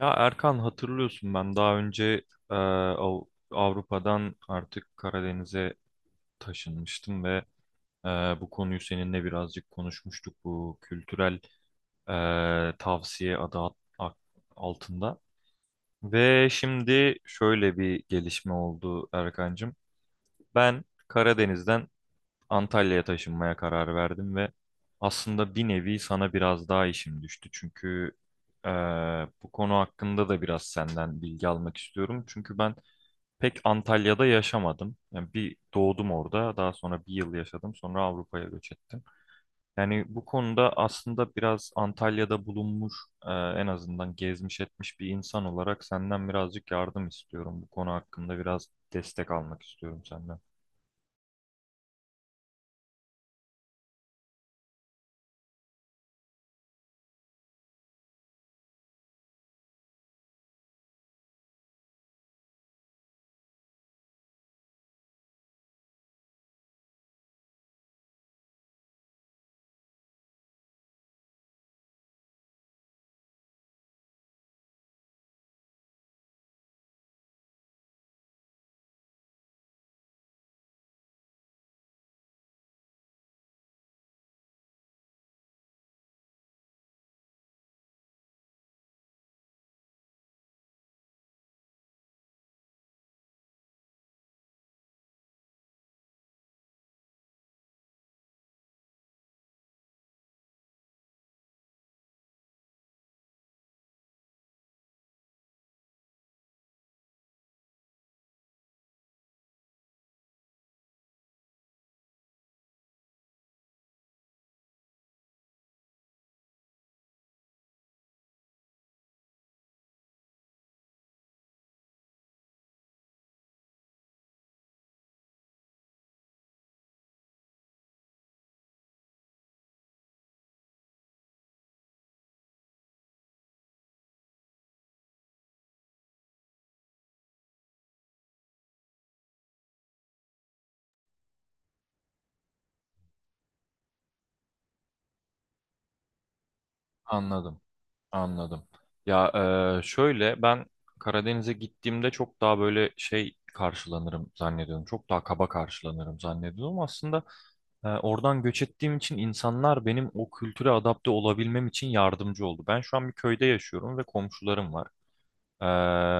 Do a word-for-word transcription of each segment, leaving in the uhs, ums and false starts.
Ya Erkan hatırlıyorsun ben daha önce e, Av- Avrupa'dan artık Karadeniz'e taşınmıştım ve e, bu konuyu seninle birazcık konuşmuştuk bu kültürel e, tavsiye adı at- ak- altında. Ve şimdi şöyle bir gelişme oldu Erkancığım. Ben Karadeniz'den Antalya'ya taşınmaya karar verdim ve aslında bir nevi sana biraz daha işim düştü. Çünkü eee, bu konu hakkında da biraz senden bilgi almak istiyorum. Çünkü ben pek Antalya'da yaşamadım. Yani bir doğdum orada, daha sonra bir yıl yaşadım, sonra Avrupa'ya göç ettim. Yani bu konuda aslında biraz Antalya'da bulunmuş, eee, en azından gezmiş etmiş bir insan olarak senden birazcık yardım istiyorum. Bu konu hakkında biraz destek almak istiyorum senden. Anladım. Anladım. Ya e, şöyle ben Karadeniz'e gittiğimde çok daha böyle şey karşılanırım zannediyorum. Çok daha kaba karşılanırım zannediyorum. Aslında e, oradan göç ettiğim için insanlar benim o kültüre adapte olabilmem için yardımcı oldu. Ben şu an bir köyde yaşıyorum ve komşularım var. E,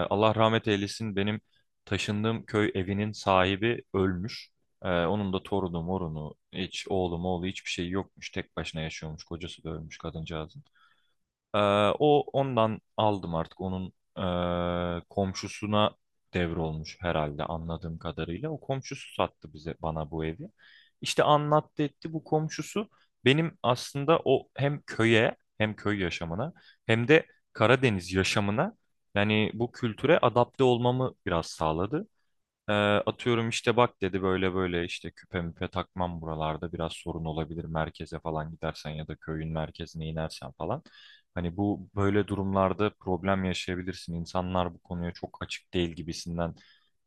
Allah rahmet eylesin benim taşındığım köy evinin sahibi ölmüş. E, onun da torunu morunu hiç oğlu moğlu hiçbir şey yokmuş. Tek başına yaşıyormuş. Kocası da ölmüş kadıncağızın. Ee, o ondan aldım artık. Onun ee, komşusuna devrolmuş herhalde anladığım kadarıyla. O komşusu sattı bize bana bu evi. İşte anlattı etti bu komşusu. Benim aslında o hem köye hem köy yaşamına hem de Karadeniz yaşamına yani bu kültüre adapte olmamı biraz sağladı. Ee, atıyorum işte bak dedi böyle böyle işte küpe müpe takmam buralarda biraz sorun olabilir, merkeze falan gidersen ya da köyün merkezine inersen falan. Hani bu böyle durumlarda problem yaşayabilirsin. İnsanlar bu konuya çok açık değil gibisinden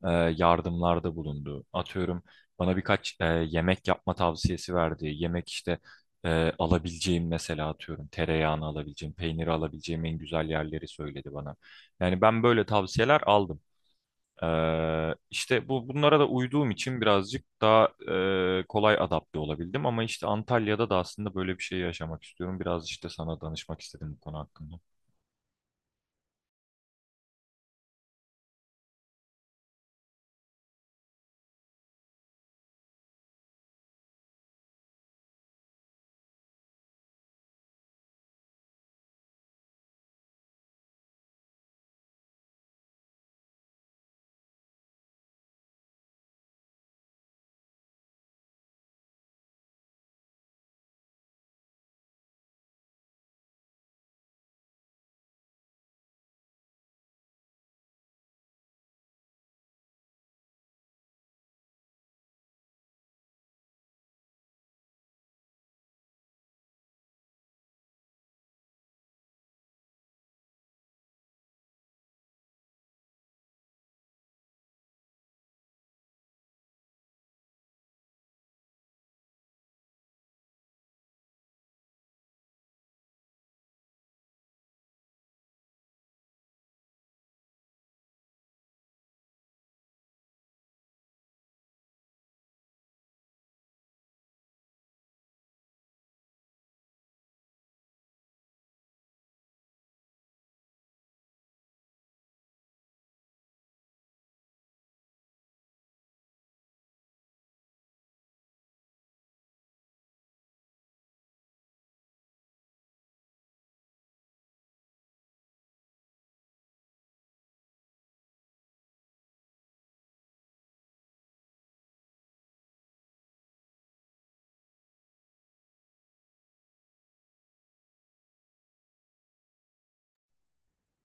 e, yardımlarda bulundu. Atıyorum bana birkaç e, yemek yapma tavsiyesi verdi. Yemek işte e, alabileceğim, mesela atıyorum tereyağını alabileceğim, peyniri alabileceğim en güzel yerleri söyledi bana. Yani ben böyle tavsiyeler aldım. Ee, işte bu bunlara da uyduğum için birazcık daha e, kolay adapte olabildim ama işte Antalya'da da aslında böyle bir şey yaşamak istiyorum. Biraz işte sana danışmak istedim bu konu hakkında.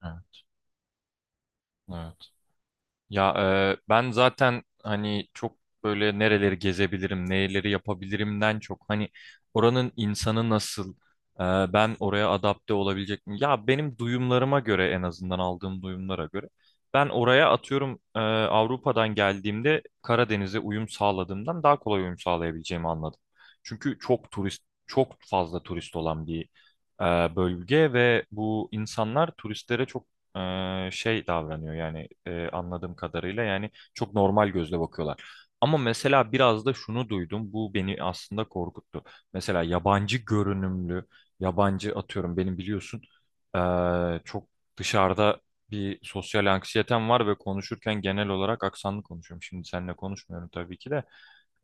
Evet. Evet. Ya e, ben zaten hani çok böyle nereleri gezebilirim, neleri yapabilirimden çok hani oranın insanı nasıl, e, ben oraya adapte olabilecek miyim? Ya benim duyumlarıma göre, en azından aldığım duyumlara göre ben oraya atıyorum, e, Avrupa'dan geldiğimde Karadeniz'e uyum sağladığımdan daha kolay uyum sağlayabileceğimi anladım. Çünkü çok turist, çok fazla turist olan bir e, bölge ve bu insanlar turistlere çok e, şey davranıyor, yani e, anladığım kadarıyla yani çok normal gözle bakıyorlar. Ama mesela biraz da şunu duydum, bu beni aslında korkuttu. Mesela yabancı görünümlü yabancı, atıyorum benim biliyorsun e, çok dışarıda bir sosyal anksiyetem var ve konuşurken genel olarak aksanlı konuşuyorum. Şimdi seninle konuşmuyorum tabii ki de.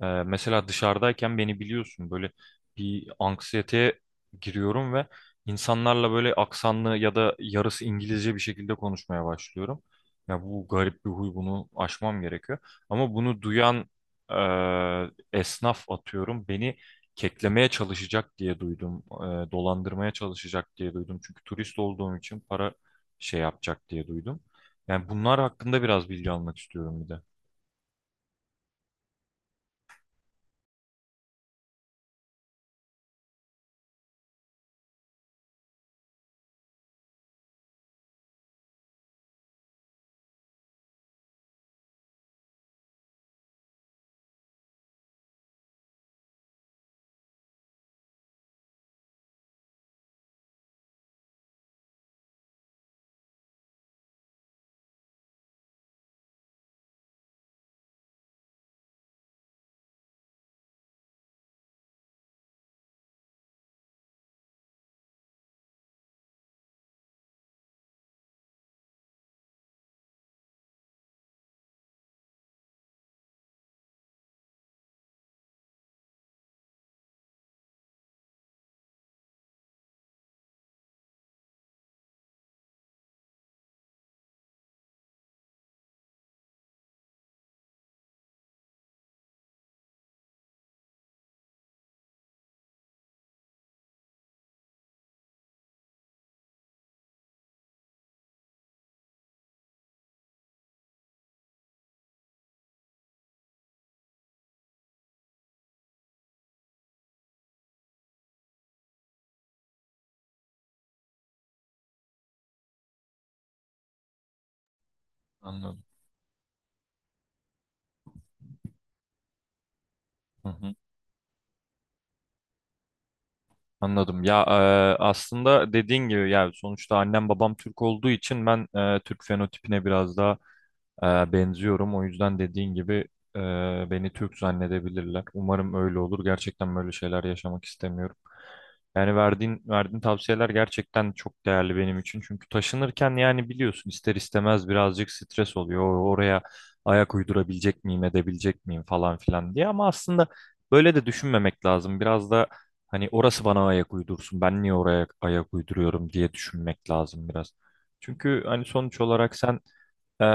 E, mesela dışarıdayken beni biliyorsun böyle bir anksiyeteye giriyorum ve İnsanlarla böyle aksanlı ya da yarısı İngilizce bir şekilde konuşmaya başlıyorum. Ya bu garip bir huy, bunu aşmam gerekiyor. Ama bunu duyan e, esnaf atıyorum beni keklemeye çalışacak diye duydum. E, dolandırmaya çalışacak diye duydum. Çünkü turist olduğum için para şey yapacak diye duydum. Yani bunlar hakkında biraz bilgi almak istiyorum bir de. Anladım. Hı hı. Anladım. Ya e, aslında dediğin gibi yani sonuçta annem babam Türk olduğu için ben e, Türk fenotipine biraz daha e, benziyorum. O yüzden dediğin gibi e, beni Türk zannedebilirler. Umarım öyle olur. Gerçekten böyle şeyler yaşamak istemiyorum. Yani verdiğin verdiğin tavsiyeler gerçekten çok değerli benim için. Çünkü taşınırken yani biliyorsun ister istemez birazcık stres oluyor. O- Oraya ayak uydurabilecek miyim, edebilecek miyim falan filan diye. Ama aslında böyle de düşünmemek lazım. Biraz da hani orası bana ayak uydursun. Ben niye oraya ayak uyduruyorum diye düşünmek lazım biraz. Çünkü hani sonuç olarak sen ee,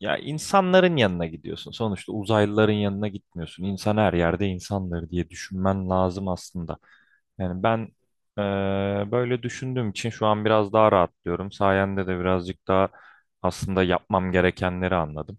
ya insanların yanına gidiyorsun. Sonuçta uzaylıların yanına gitmiyorsun. İnsan her yerde insandır diye düşünmen lazım aslında. Yani ben ee, böyle düşündüğüm için şu an biraz daha rahatlıyorum. Sayende de birazcık daha aslında yapmam gerekenleri anladım.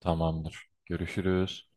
Tamamdır. Görüşürüz.